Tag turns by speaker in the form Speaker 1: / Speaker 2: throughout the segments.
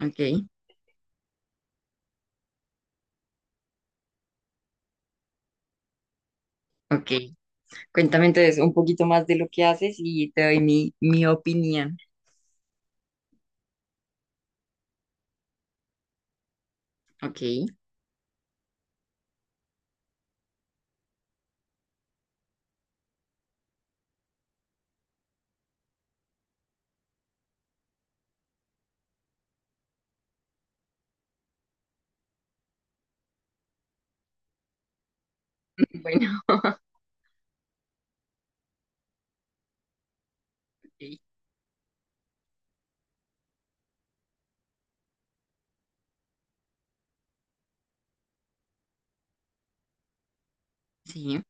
Speaker 1: Ok, ok. Cuéntame entonces un poquito más de lo que haces y te doy mi opinión. Ok, bueno, ok, sí,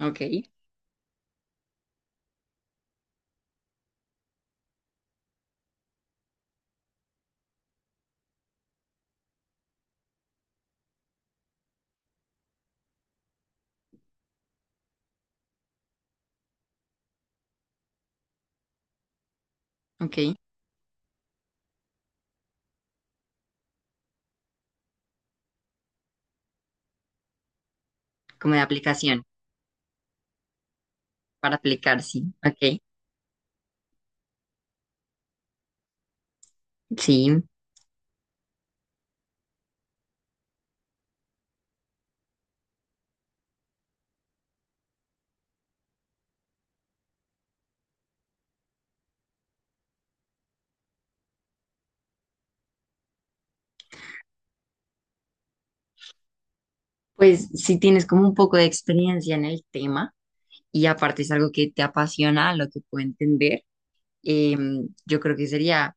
Speaker 1: ok, ok. Como de aplicación, para aplicar, sí, ok, sí. Pues si tienes como un poco de experiencia en el tema y aparte es algo que te apasiona, lo que puedo entender. eh, yo creo que sería,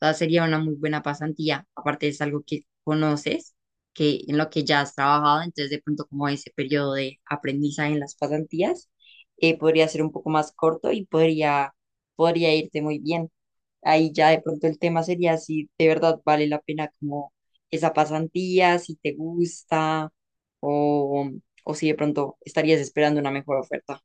Speaker 1: o sea, sería una muy buena pasantía. Aparte es algo que conoces, que en lo que ya has trabajado, entonces de pronto como ese periodo de aprendizaje en las pasantías podría ser un poco más corto y podría, podría irte muy bien. Ahí ya de pronto el tema sería si de verdad vale la pena como esa pasantía, si te gusta o, o si de pronto estarías esperando una mejor oferta.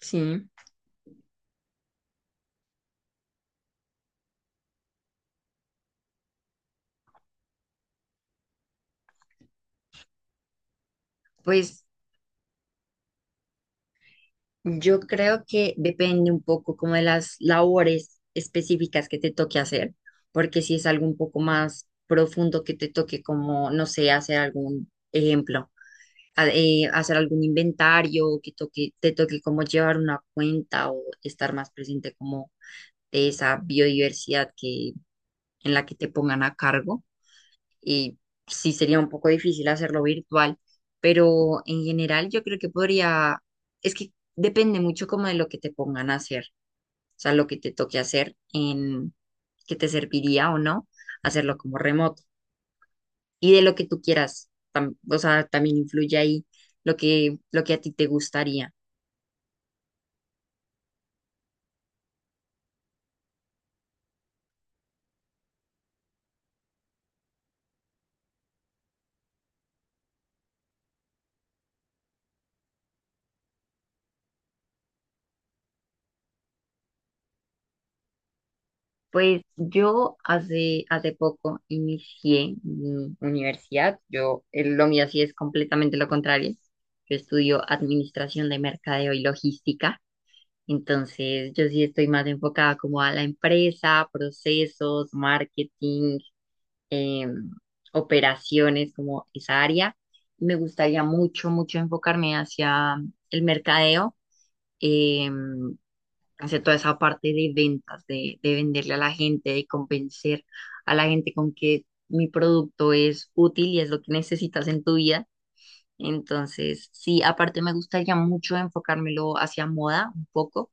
Speaker 1: Sí, pues yo creo que depende un poco como de las labores específicas que te toque hacer, porque si es algo un poco más profundo que te toque como, no sé, hacer algún ejemplo, hacer algún inventario, que toque, te toque como llevar una cuenta o estar más presente como de esa biodiversidad que, en la que te pongan a cargo y sí sería un poco difícil hacerlo virtual, pero en general yo creo que podría, es que depende mucho como de lo que te pongan a hacer, o sea, lo que te toque hacer en que te serviría o no hacerlo como remoto y de lo que tú quieras, tam- o sea, también influye ahí lo que a ti te gustaría. Pues yo hace, hace poco inicié mi universidad. Yo, lo mío sí es completamente lo contrario. Yo estudio administración de mercadeo y logística. Entonces, yo sí estoy más enfocada como a la empresa, procesos, marketing, em, operaciones, como esa área. Me gustaría mucho, mucho enfocarme hacia el mercadeo, em, hacia toda esa parte de ventas, de venderle a la gente, de convencer a la gente con que mi producto es útil y es lo que necesitas en tu vida. Entonces, sí, aparte me gustaría mucho enfocármelo hacia moda un poco.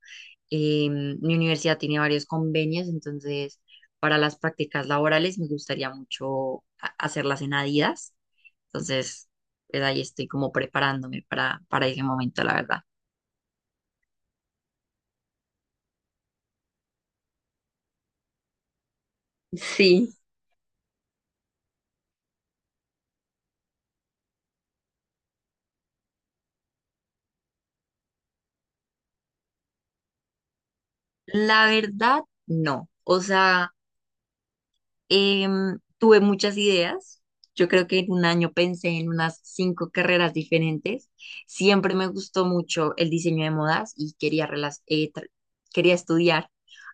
Speaker 1: Mi universidad tiene varios convenios, entonces para las prácticas laborales me gustaría mucho hacerlas en Adidas. Entonces, pues ahí estoy como preparándome para ese momento, la verdad. Sí. La verdad, no. O sea... tuve muchas ideas. Yo creo que en un año pensé en unas 5 carreras diferentes. Siempre me gustó mucho el diseño de modas y quería, quería estudiar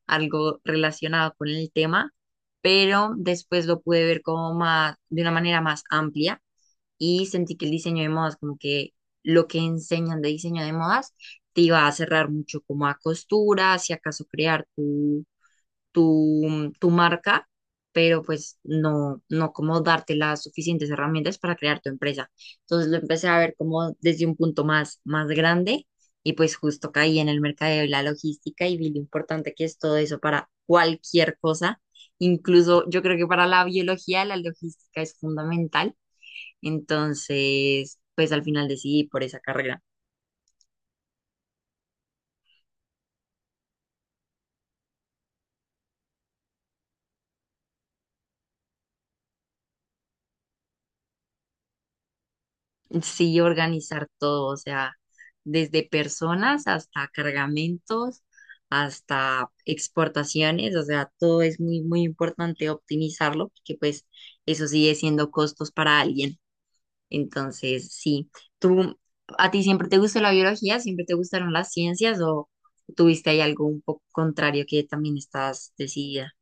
Speaker 1: algo relacionado con el tema, pero después lo pude ver como más, de una manera más amplia y sentí que el diseño de modas, como que lo que enseñan de diseño de modas, te iba a cerrar mucho como a costura, si acaso crear tu marca, pero pues no, no como darte las suficientes herramientas para crear tu empresa. Entonces lo empecé a ver como desde un punto más, más grande y pues justo caí en el mercadeo y la logística y vi lo importante que es todo eso para cualquier cosa. Incluso yo creo que para la biología la logística es fundamental. Entonces, pues al final decidí por esa carrera. Sí, organizar todo, o sea, desde personas hasta cargamentos, hasta exportaciones, o sea, todo es muy, muy importante optimizarlo, porque pues eso sigue siendo costos para alguien. Entonces, sí, ¿tú, a ti siempre te gustó la biología, siempre te gustaron las ciencias o tuviste ahí algo un poco contrario que también estás decidida?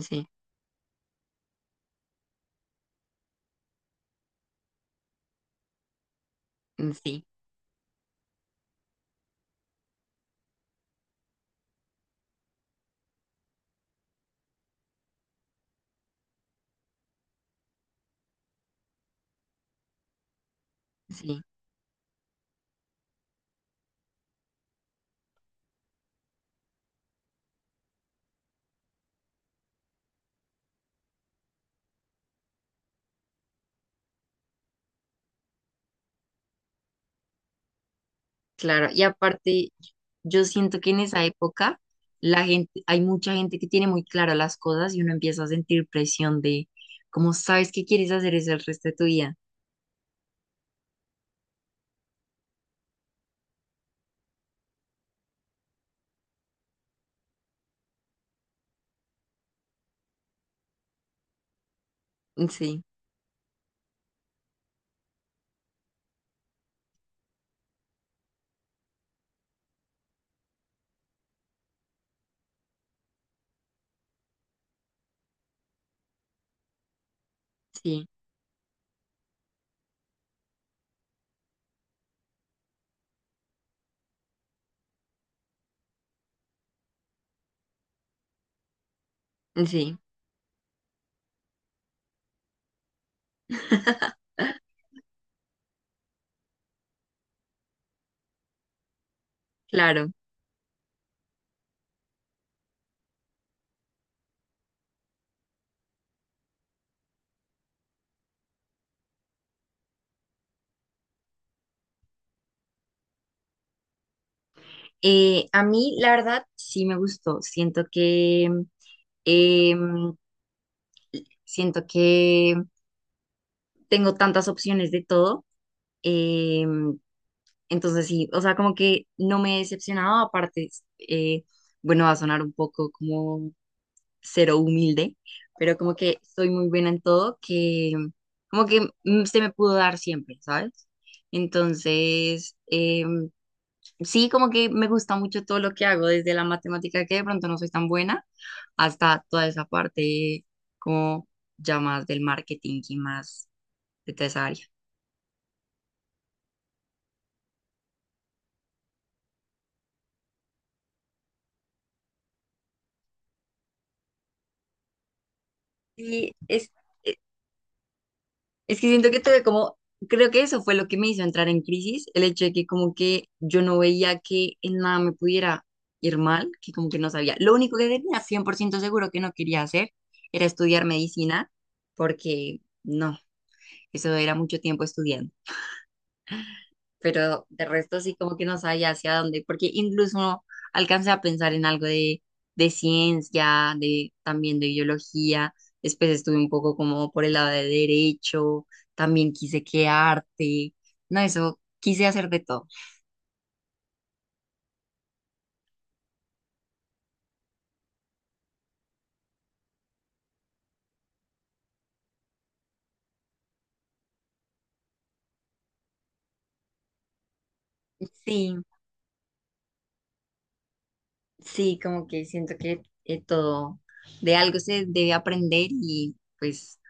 Speaker 1: Sí, sí, sí. Claro, y aparte, yo siento que en esa época la gente, hay mucha gente que tiene muy claras las cosas y uno empieza a sentir presión de cómo sabes que quieres hacer eso el resto de tu vida. Sí, sí, sí, claro. A mí, la verdad, sí me gustó. Siento que em, siento que tengo tantas opciones de todo. em, Entonces sí, o sea, como que no me he decepcionado, aparte, eh, bueno, va a sonar un poco como cero humilde, pero como que soy muy buena en todo, que como que se me pudo dar siempre, ¿sabes? Entonces, sí, como que me gusta mucho todo lo que hago, desde la matemática que de pronto no soy tan buena, hasta toda esa parte como ya más del marketing y más de toda esa área. Y es, Es que siento que tuve como, creo que eso fue lo que me hizo entrar en crisis, el hecho de que como que yo no veía que en nada me pudiera ir mal, que como que no sabía. Lo único que tenía 100% seguro que no quería hacer era estudiar medicina, porque no, eso era mucho tiempo estudiando pero de resto sí como que no sabía hacia dónde, porque incluso no alcancé a pensar en algo de ciencia, de también de biología, después estuve un poco como por el lado de derecho, también quise que arte, no, eso, quise hacer de todo. Sí, sí, como que siento que todo, de algo se debe aprender y pues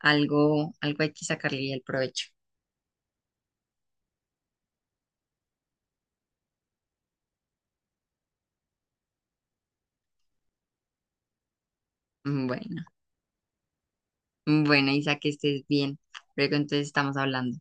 Speaker 1: algo, algo hay que sacarle el provecho. Bueno, bueno, Isa, que estés bien. Luego entonces estamos hablando.